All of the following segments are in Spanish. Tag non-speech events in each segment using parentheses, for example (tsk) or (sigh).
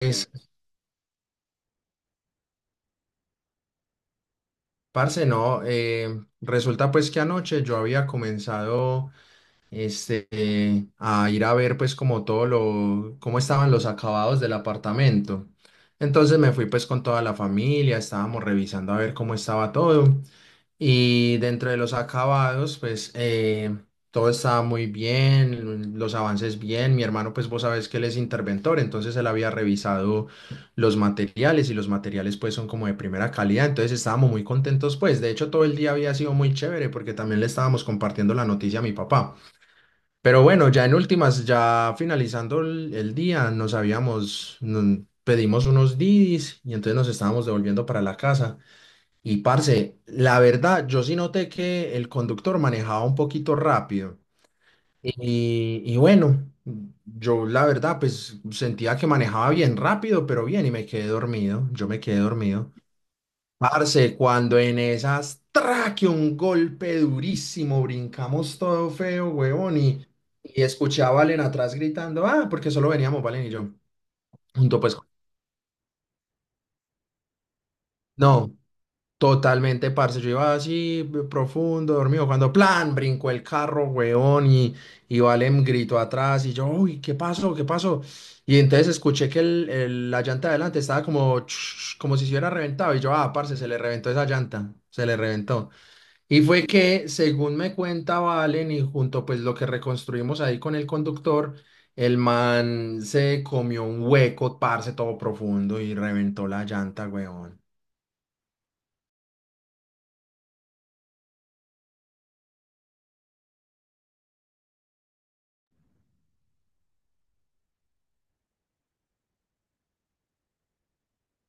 Es, parce, no, resulta pues que anoche yo había comenzado este, a ir a ver pues como todo lo, cómo estaban los acabados del apartamento. Entonces me fui pues con toda la familia, estábamos revisando a ver cómo estaba todo y dentro de los acabados pues todo estaba muy bien, los avances bien, mi hermano pues vos sabés que él es interventor, entonces él había revisado los materiales y los materiales pues son como de primera calidad, entonces estábamos muy contentos pues, de hecho todo el día había sido muy chévere porque también le estábamos compartiendo la noticia a mi papá. Pero bueno, ya en últimas, ya finalizando el día, nos pedimos unos Didis y entonces nos estábamos devolviendo para la casa. Y parce, la verdad, yo sí noté que el conductor manejaba un poquito rápido. Y bueno, yo la verdad, pues sentía que manejaba bien rápido, pero bien, y me quedé dormido. Yo me quedé dormido. Parce, cuando en esas, traque un golpe durísimo, brincamos todo feo, huevón, y escuché a Valen atrás gritando, ah, porque solo veníamos Valen y yo, junto pues, no, totalmente, parce, yo iba así, profundo, dormido, cuando, plan, brincó el carro, huevón, y Valen gritó atrás, y yo, uy, ¿qué pasó? ¿Qué pasó? Y entonces escuché que la llanta de adelante estaba como, (tsk) como si se hubiera reventado, y yo, ah, parce, se le reventó esa llanta, se le reventó. Y fue que, según me cuenta Valen, y junto pues lo que reconstruimos ahí con el conductor, el man se comió un hueco, parce, todo profundo y reventó la llanta, weón.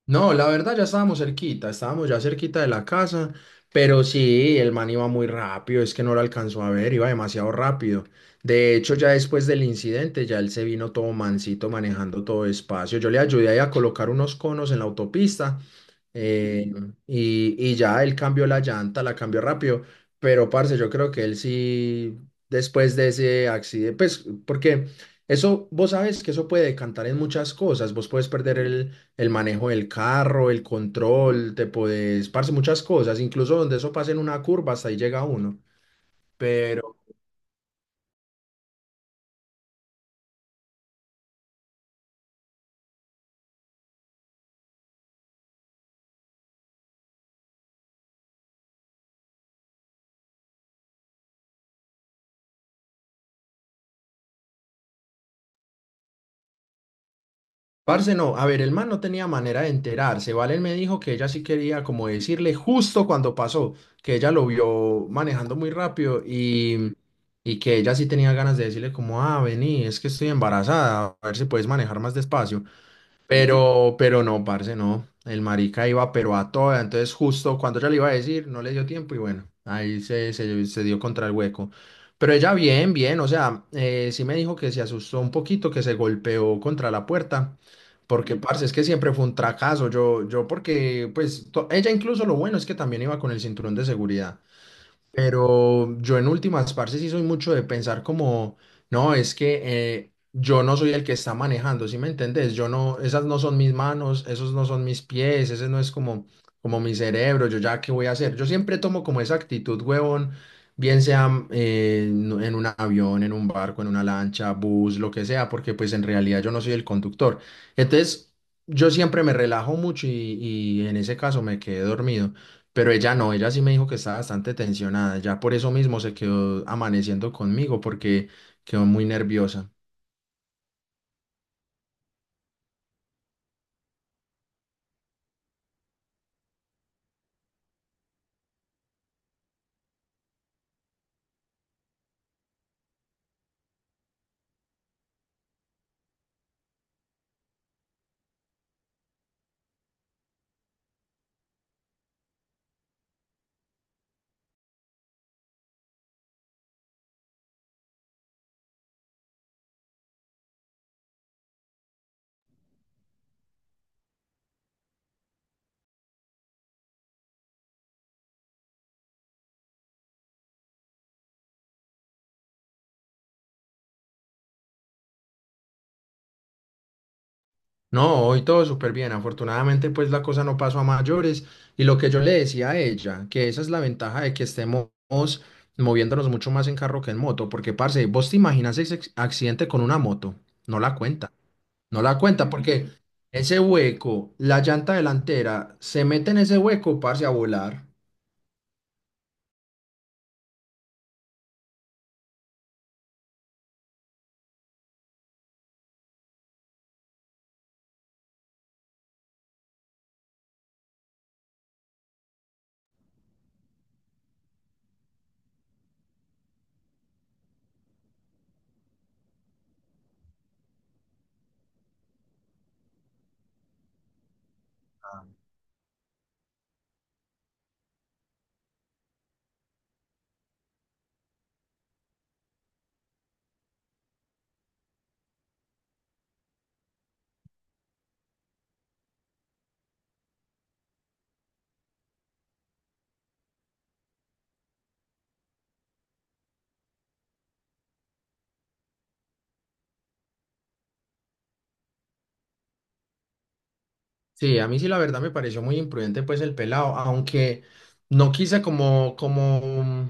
No, la verdad ya estábamos cerquita, estábamos ya cerquita de la casa, pero sí, el man iba muy rápido, es que no lo alcanzó a ver, iba demasiado rápido. De hecho, ya después del incidente, ya él se vino todo mansito manejando todo despacio. Yo le ayudé ahí a colocar unos conos en la autopista eh, y ya él cambió la llanta, la cambió rápido, pero parce, yo creo que él sí, después de ese accidente, pues porque... Eso, vos sabes que eso puede decantar en muchas cosas. Vos puedes perder el manejo del carro, el control, te podés, parce, muchas cosas, incluso donde eso pasa en una curva, hasta ahí llega uno. Pero, parce, no, a ver, el man no tenía manera de enterarse. Valen me dijo que ella sí quería como decirle justo cuando pasó, que ella lo vio manejando muy rápido y que ella sí tenía ganas de decirle como, ah, vení, es que estoy embarazada, a ver si puedes manejar más despacio. Pero no, parce, no. El marica iba, pero a toda. Entonces, justo cuando ella le iba a decir, no le dio tiempo y bueno, ahí se dio contra el hueco. Pero ella bien, bien, o sea, sí me dijo que se asustó un poquito, que se golpeó contra la puerta, porque, Ujú. Parce, es que siempre fue un fracaso. Yo porque, pues, ella incluso lo bueno es que también iba con el cinturón de seguridad. Pero yo en últimas, parce, sí soy mucho de pensar como, no, es que yo no soy el que está manejando, ¿sí me entendés? Yo no, esas no son mis manos, esos no son mis pies, ese no es como, como mi cerebro, yo ya qué voy a hacer. Yo siempre tomo como esa actitud, huevón, bien sea en un avión, en un barco, en una lancha, bus, lo que sea, porque pues en realidad yo no soy el conductor. Entonces, yo siempre me relajo mucho y en ese caso me quedé dormido. Pero ella no, ella sí me dijo que estaba bastante tensionada. Ya por eso mismo se quedó amaneciendo conmigo porque quedó muy nerviosa. No, hoy todo súper bien. Afortunadamente, pues la cosa no pasó a mayores. Y lo que yo le decía a ella, que esa es la ventaja de que estemos moviéndonos mucho más en carro que en moto. Porque, parce, vos te imaginas ese accidente con una moto. No la cuenta. No la cuenta porque ese hueco, la llanta delantera, se mete en ese hueco, parce, a volar. Sí, a mí sí la verdad me pareció muy imprudente pues el pelado, aunque no quise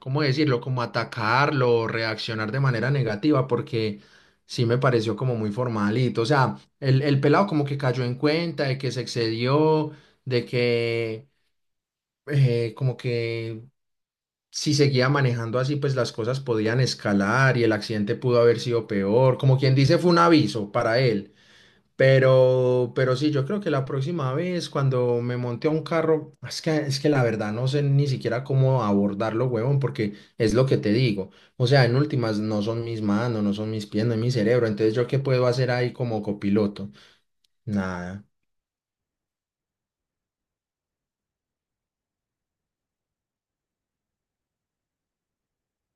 ¿cómo decirlo? Como atacarlo, o reaccionar de manera negativa, porque sí me pareció como muy formalito. O sea, el pelado como que cayó en cuenta de que se excedió, de que como que si seguía manejando así, pues las cosas podían escalar y el accidente pudo haber sido peor. Como quien dice, fue un aviso para él. Pero sí, yo creo que la próxima vez cuando me monte a un carro, es que la verdad no sé ni siquiera cómo abordarlo, huevón, porque es lo que te digo. O sea, en últimas no son mis manos, no son mis pies, no es mi cerebro. Entonces, ¿yo qué puedo hacer ahí como copiloto? Nada.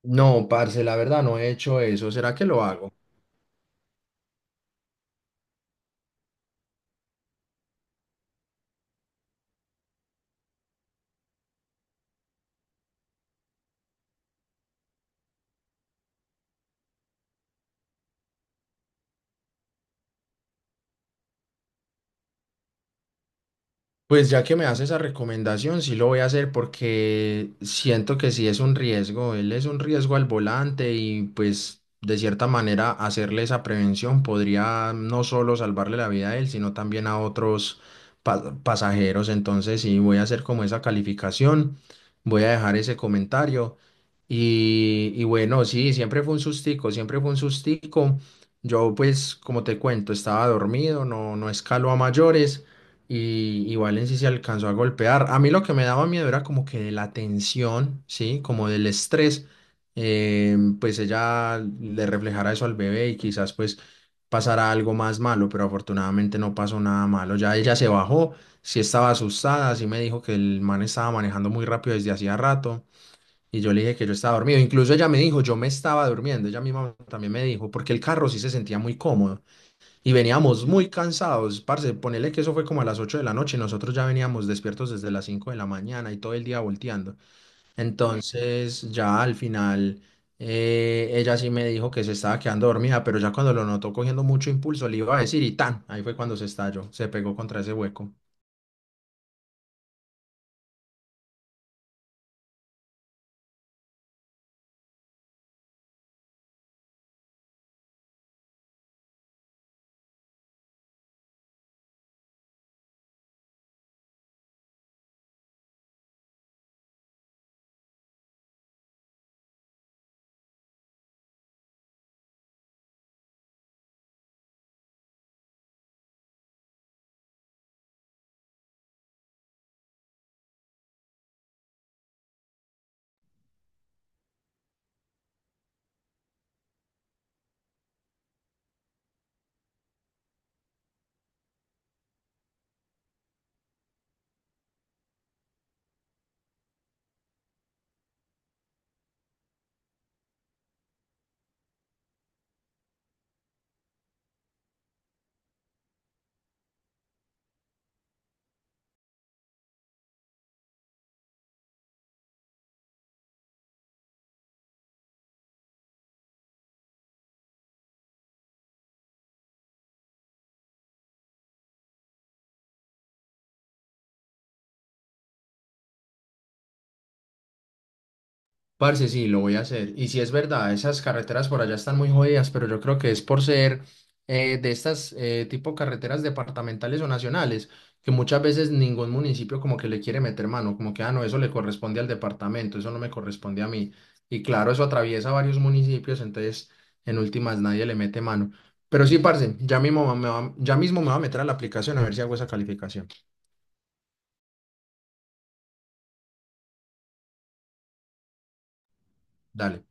No, parce, la verdad no he hecho eso. ¿Será que lo hago? Pues ya que me hace esa recomendación, sí lo voy a hacer porque siento que sí es un riesgo. Él es un riesgo al volante y pues de cierta manera hacerle esa prevención podría no solo salvarle la vida a él, sino también a otros pasajeros. Entonces sí voy a hacer como esa calificación, voy a dejar ese comentario y bueno, sí, siempre fue un sustico, siempre fue un sustico. Yo pues como te cuento, estaba dormido, no, no escaló a mayores. Y Valencia se alcanzó a golpear. A mí lo que me daba miedo era como que de la tensión, ¿sí? Como del estrés, pues ella le reflejara eso al bebé y quizás pues pasara algo más malo, pero afortunadamente no pasó nada malo. Ya ella se bajó, sí estaba asustada, sí me dijo que el man estaba manejando muy rápido desde hacía rato y yo le dije que yo estaba dormido. Incluso ella me dijo, yo me estaba durmiendo, ella misma también me dijo, porque el carro sí se sentía muy cómodo. Y veníamos muy cansados, parce, ponele que eso fue como a las 8 de la noche y nosotros ya veníamos despiertos desde las 5 de la mañana y todo el día volteando. Entonces, ya al final, ella sí me dijo que se estaba quedando dormida, pero ya cuando lo notó cogiendo mucho impulso, le iba a decir y tan, ahí fue cuando se estalló, se pegó contra ese hueco. Parce, sí, lo voy a hacer. Y sí es verdad, esas carreteras por allá están muy jodidas, pero yo creo que es por ser de estas tipo carreteras departamentales o nacionales, que muchas veces ningún municipio como que le quiere meter mano, como que, ah, no, eso le corresponde al departamento, eso no me corresponde a mí. Y claro, eso atraviesa varios municipios, entonces en últimas nadie le mete mano. Pero sí, parce, ya mismo me va a meter a la aplicación a ver si hago esa calificación. Dale.